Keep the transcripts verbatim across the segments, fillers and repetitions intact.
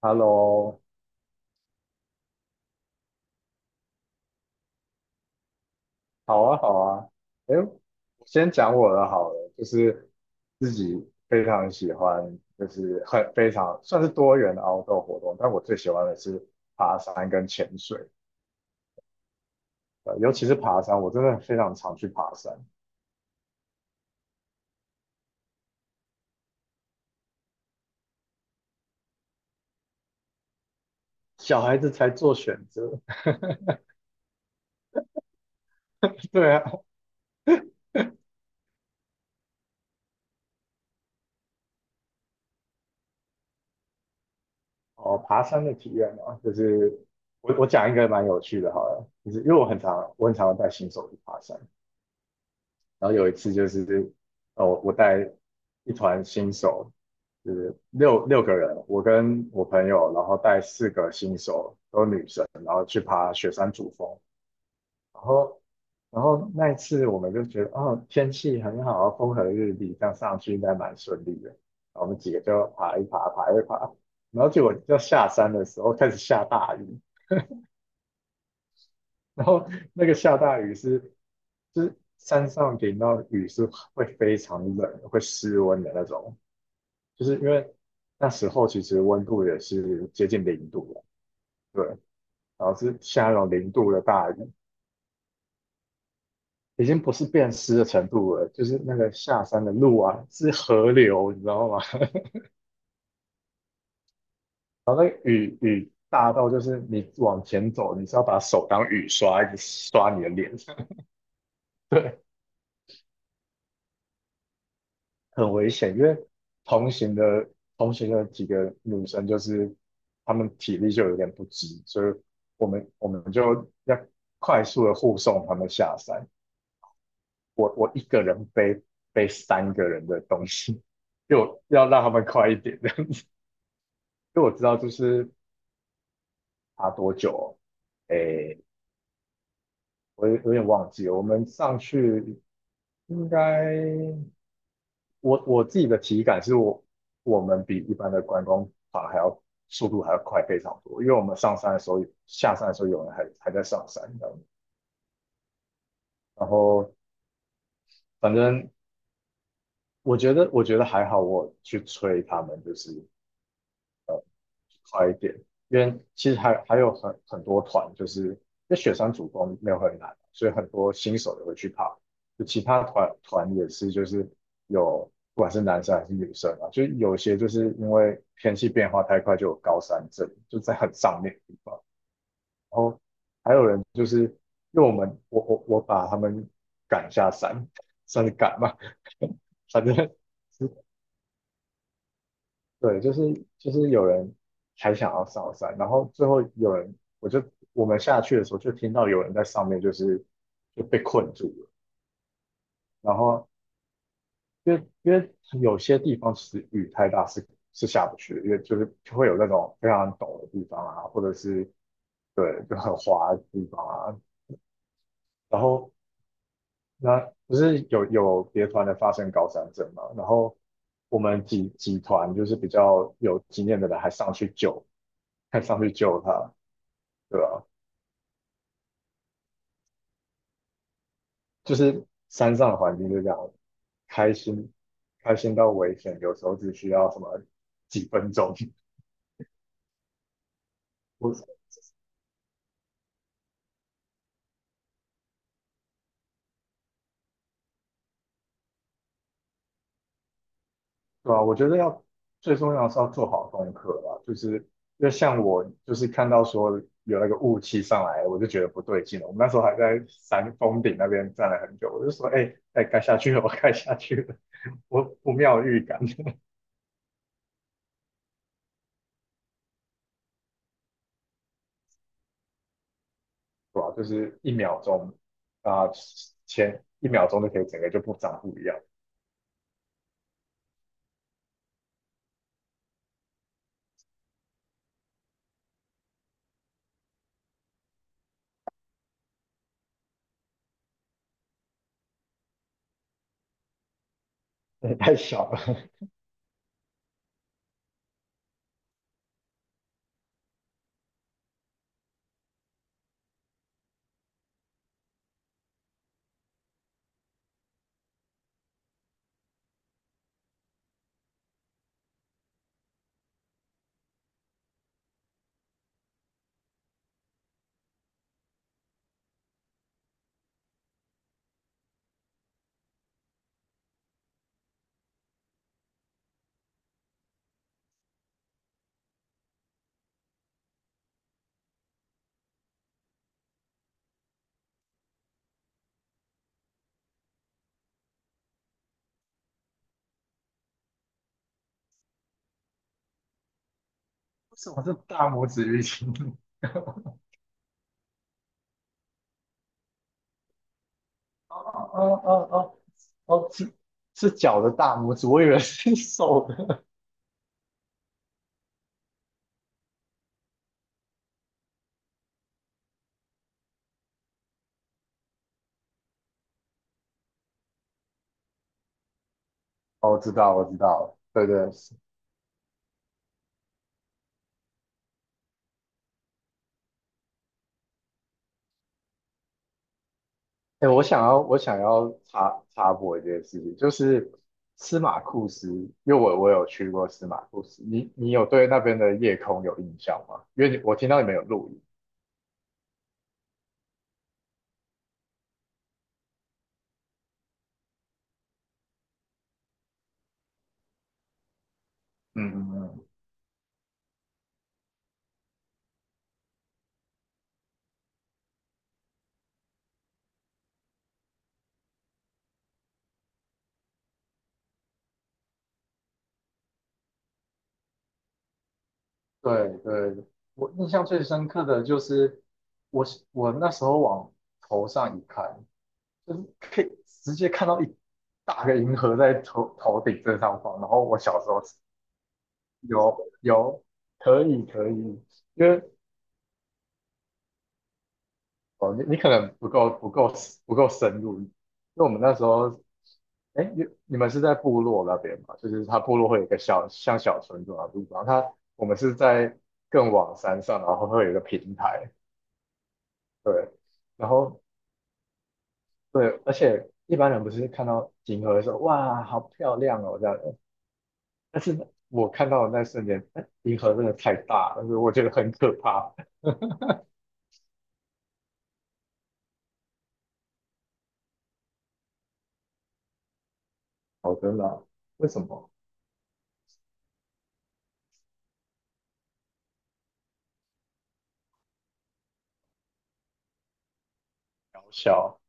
Hello，好啊，好啊。哎，先讲我的好了，就是自己非常喜欢，就是很非常算是多元的 outdoor 活动，但我最喜欢的是爬山跟潜水，呃，尤其是爬山，我真的非常常去爬山。小孩子才做选择，对啊。哦，爬山的体验嘛，就是我我讲一个蛮有趣的，好了，就是因为我很常我很常带新手去爬山，然后有一次就是，哦，我带一团新手，就是六六个人，我跟我朋友，然后带四个新手，都是女生，然后去爬雪山主峰。然后，然后那一次我们就觉得，哦，天气很好，风和日丽，这样上去应该蛮顺利的。然后我们几个就爬一爬，爬一爬，然后结果要下山的时候开始下大雨，然后那个下大雨是就是山上淋到雨是会非常冷，会失温的那种，就是因为那时候其实温度也是接近零度了，对，然后是下那种零度的大雨，已经不是变湿的程度了，就是那个下山的路啊是河流，你知道吗？然后那个雨雨大到就是你往前走，你是要把手当雨刷一直刷你的脸，对。很危险，因为同行的同行的几个女生就是她们体力就有点不支，所以我们我们就要快速的护送她们下山。我我一个人背背三个人的东西，就要让他们快一点。因为我知道就是爬多久哦，诶，我有有点忘记了，我们上去应该我我自己的体感是我我们比一般的观光团还要速度还要快非常多，因为我们上山的时候、下山的时候，有人还还在上山，你知道吗？然后反正我觉得我觉得还好，我去催他们，就是快一点，因为其实还还有很很多团，就是那雪山主峰没有很难，所以很多新手也会去爬。就其他团团也是，就是有不管是男生还是女生啊，就有些就是因为天气变化太快，就有高山症，就在很上面的地方。然后还有人就是因为我们我我我把他们赶下山，算是赶嘛，反正。对，就是就是有人还想要上山，然后最后有人，我就我们下去的时候就听到有人在上面就是就被困住了，然后因为因为有些地方其实雨太大是是下不去的，因为就是就会有那种非常陡的地方啊，或者是对就很滑的地方啊，然后那不是有有别团的发生高山症嘛，然后我们几几团就是比较有经验的人还上去救，还上去救他。对啊，就是山上的环境就这样，开心，开心到危险，有时候只需要什么几分钟。我，对啊，我觉得要最重要的是要做好功课吧，就是因为像我就是看到说有那个雾气上来，我就觉得不对劲了。我们那时候还在山峰顶那边站了很久，我就说，哎、哎，该下去了，我该下去了，我不妙预感。对吧，就是一秒钟啊、前一秒钟就可以整个就不长不一样，太小了。为什么是大拇指淤青？哦哦哦哦哦，是是脚的大拇指，我以为是手的。哦，知道，我知道了，对对。哎，我想要，我想要插插播一件事情，就是司马库斯，因为我我有去过司马库斯，你你有对那边的夜空有印象吗？因为你我听到你们有录音。嗯嗯嗯，对对，我印象最深刻的就是我我那时候往头上一看，就是可以直接看到一大个银河在头头顶正上方。然后我小时候有有可以可以，因为哦你你可能不够不够不够深入，因为我们那时候哎你你们是在部落那边嘛，就是它部落会有一个小像小村庄的地方，它我们是在更往山上，然后会有一个平台，对，然后对，而且一般人不是看到银河的时候哇好漂亮哦这样，但是我看到的那瞬间，哎银河真的太大了，所以我觉得很可怕。哦，真的啊为什么？渺小。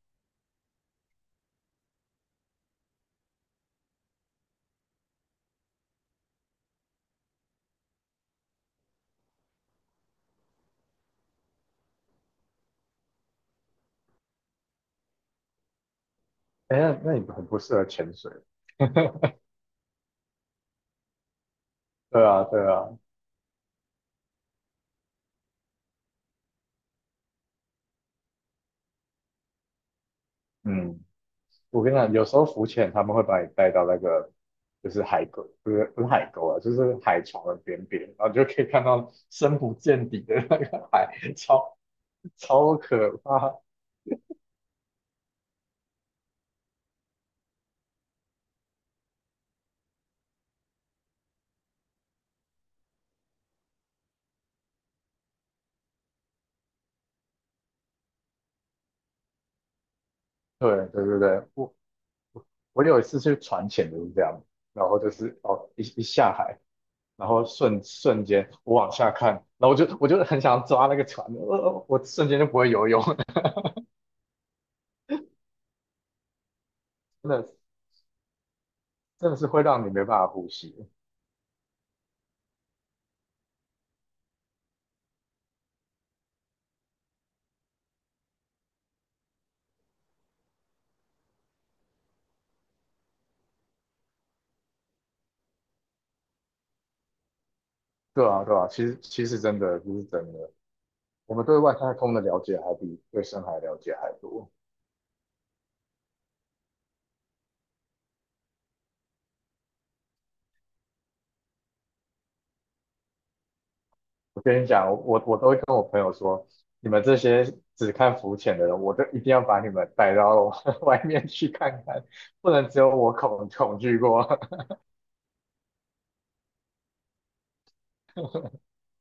哎，那那你很不适合潜水。对啊，对啊，嗯，我跟你讲，有时候浮潜他们会把你带到那个就是海沟，不是不是海沟啊，就是海床的边边，然后你就可以看到深不见底的那个海，超超可怕。对对对对，我我有一次去船潜就是这样，然后就是哦一一下海，然后瞬瞬间我往下看，然后我就我就很想抓那个船，呃，呃我瞬间就不会游泳。真的真的是会让你没办法呼吸。对啊，对啊，其实其实真的这是真的，我们对外太空的了解还比对深海了解还多。我跟你讲，我我都会跟我朋友说，你们这些只看浮潜的人，我都一定要把你们带到 外面去看看，不能只有我恐恐惧过。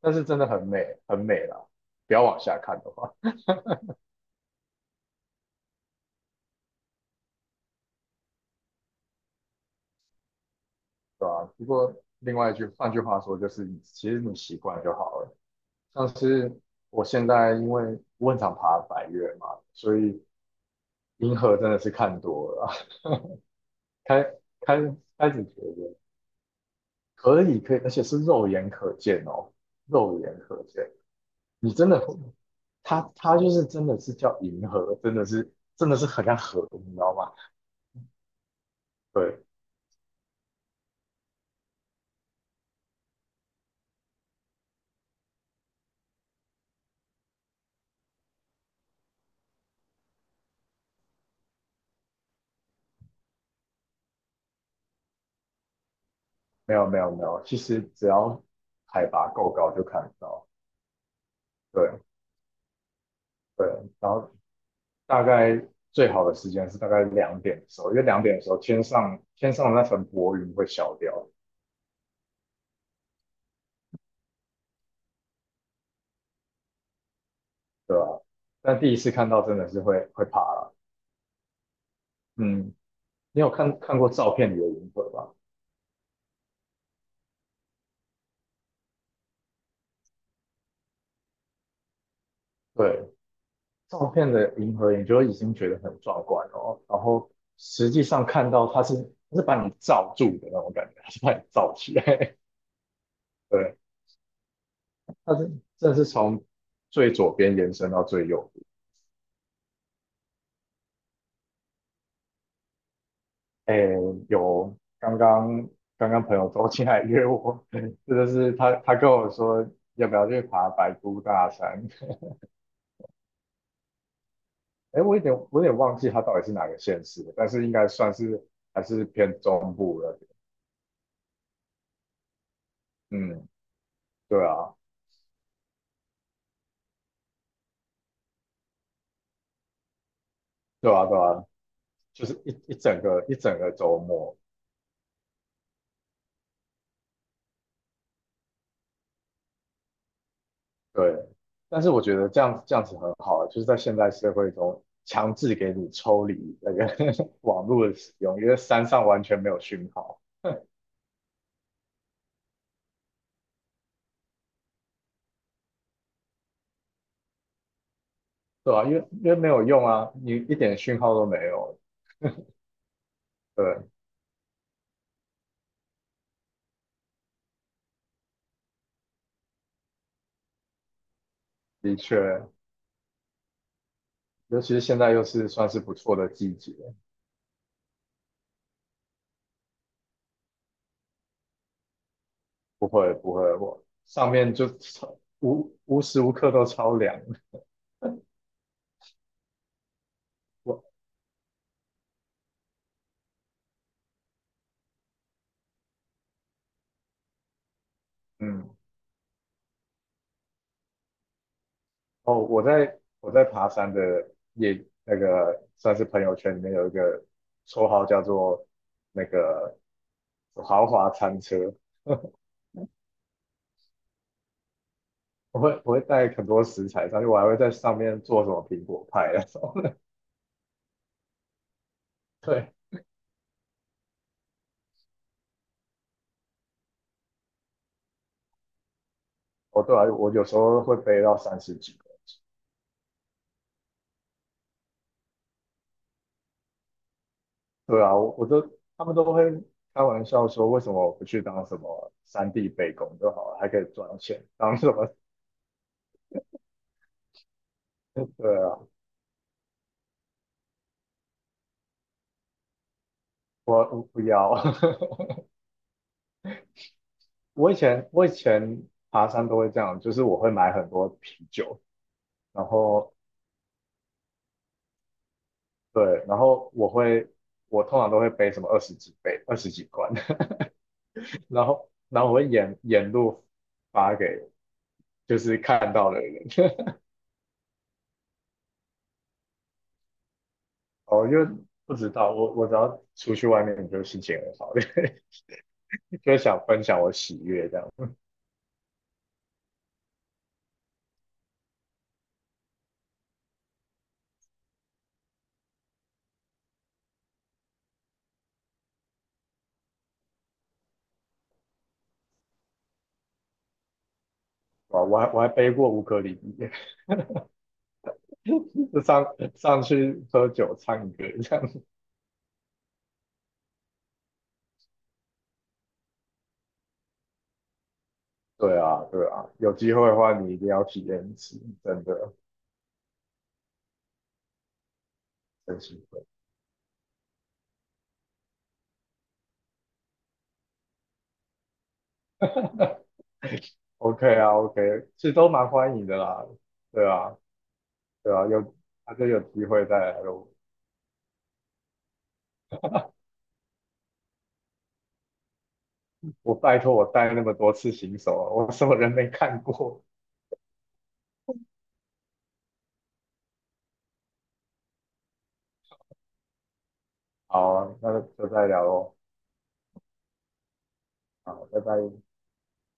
但是真的很美，很美啦，不要往下看的话。对吧？不过另外一句，换句话说，就是你其实你习惯就好了。像是我现在因为我很常爬百月嘛，所以银河真的是看多了啊，开开开始觉得可以可以，而且是肉眼可见哦，肉眼可见，你真的会，它它就是真的是叫银河，真的是真的是很像河，你知道吗？对，没有没有没有，其实只要海拔够高就看得到，对对，然后大概最好的时间是大概两点的时候，因为两点的时候天上天上的那层薄云会消掉，对吧，但第一次看到真的是会会怕了。嗯，你有看看过照片里的银河吗？对，照片的银河你就已经觉得很壮观哦，然后实际上看到它是它是把你罩住的那种感觉，它是把你罩起来。对，它是真的是从最左边延伸到最右。哎，有刚刚刚刚朋友周进来约我，这就是他他跟我说要不要去爬白姑大山。哎，我有点我有点忘记他到底是哪个县市的，但是应该算是还是偏中部的。嗯，对啊，对啊，对啊，就是一一整个一整个周末。对，但是我觉得这样这样子很好啊，就是在现代社会中强制给你抽离那个 网络的使用，因为山上完全没有讯号。对啊，因为因为没有用啊，你一点讯号都没有。对，的确，尤其是现在又是算是不错的季节，不会不会，我上面就超无无时无刻都超凉。我嗯，哦，我在我在爬山的也那个算是朋友圈里面有一个绰号叫做那个豪华餐车，我会我会带很多食材上去，我还会在上面做什么苹果派那种。对哦，对啊，我有时候会背到三十几个。对啊，我我都他们都会开玩笑说，为什么我不去当什么三 D 背工就好了，还可以赚钱，当什么？对啊，我我不要。我以前我以前爬山都会这样，就是我会买很多啤酒，然后对，然后我会我通常都会背什么二十几杯、二十几罐，然后然后我会沿沿路发给就是看到的人，哦，因为不知道，我我只要出去外面，我就心情很好，就想分享我喜悦这样。啊，我还我还背过乌克丽丽，就上上去喝酒唱歌这样。对啊，对啊，有机会的话你一定要体验一次，真的真心会。OK 啊，OK，其实都蛮欢迎的啦。对啊，对啊，有他就有机会再来咯。我拜托我带那么多次新手啊，我什么人没看过？好啊，那就再聊喽。好，拜拜。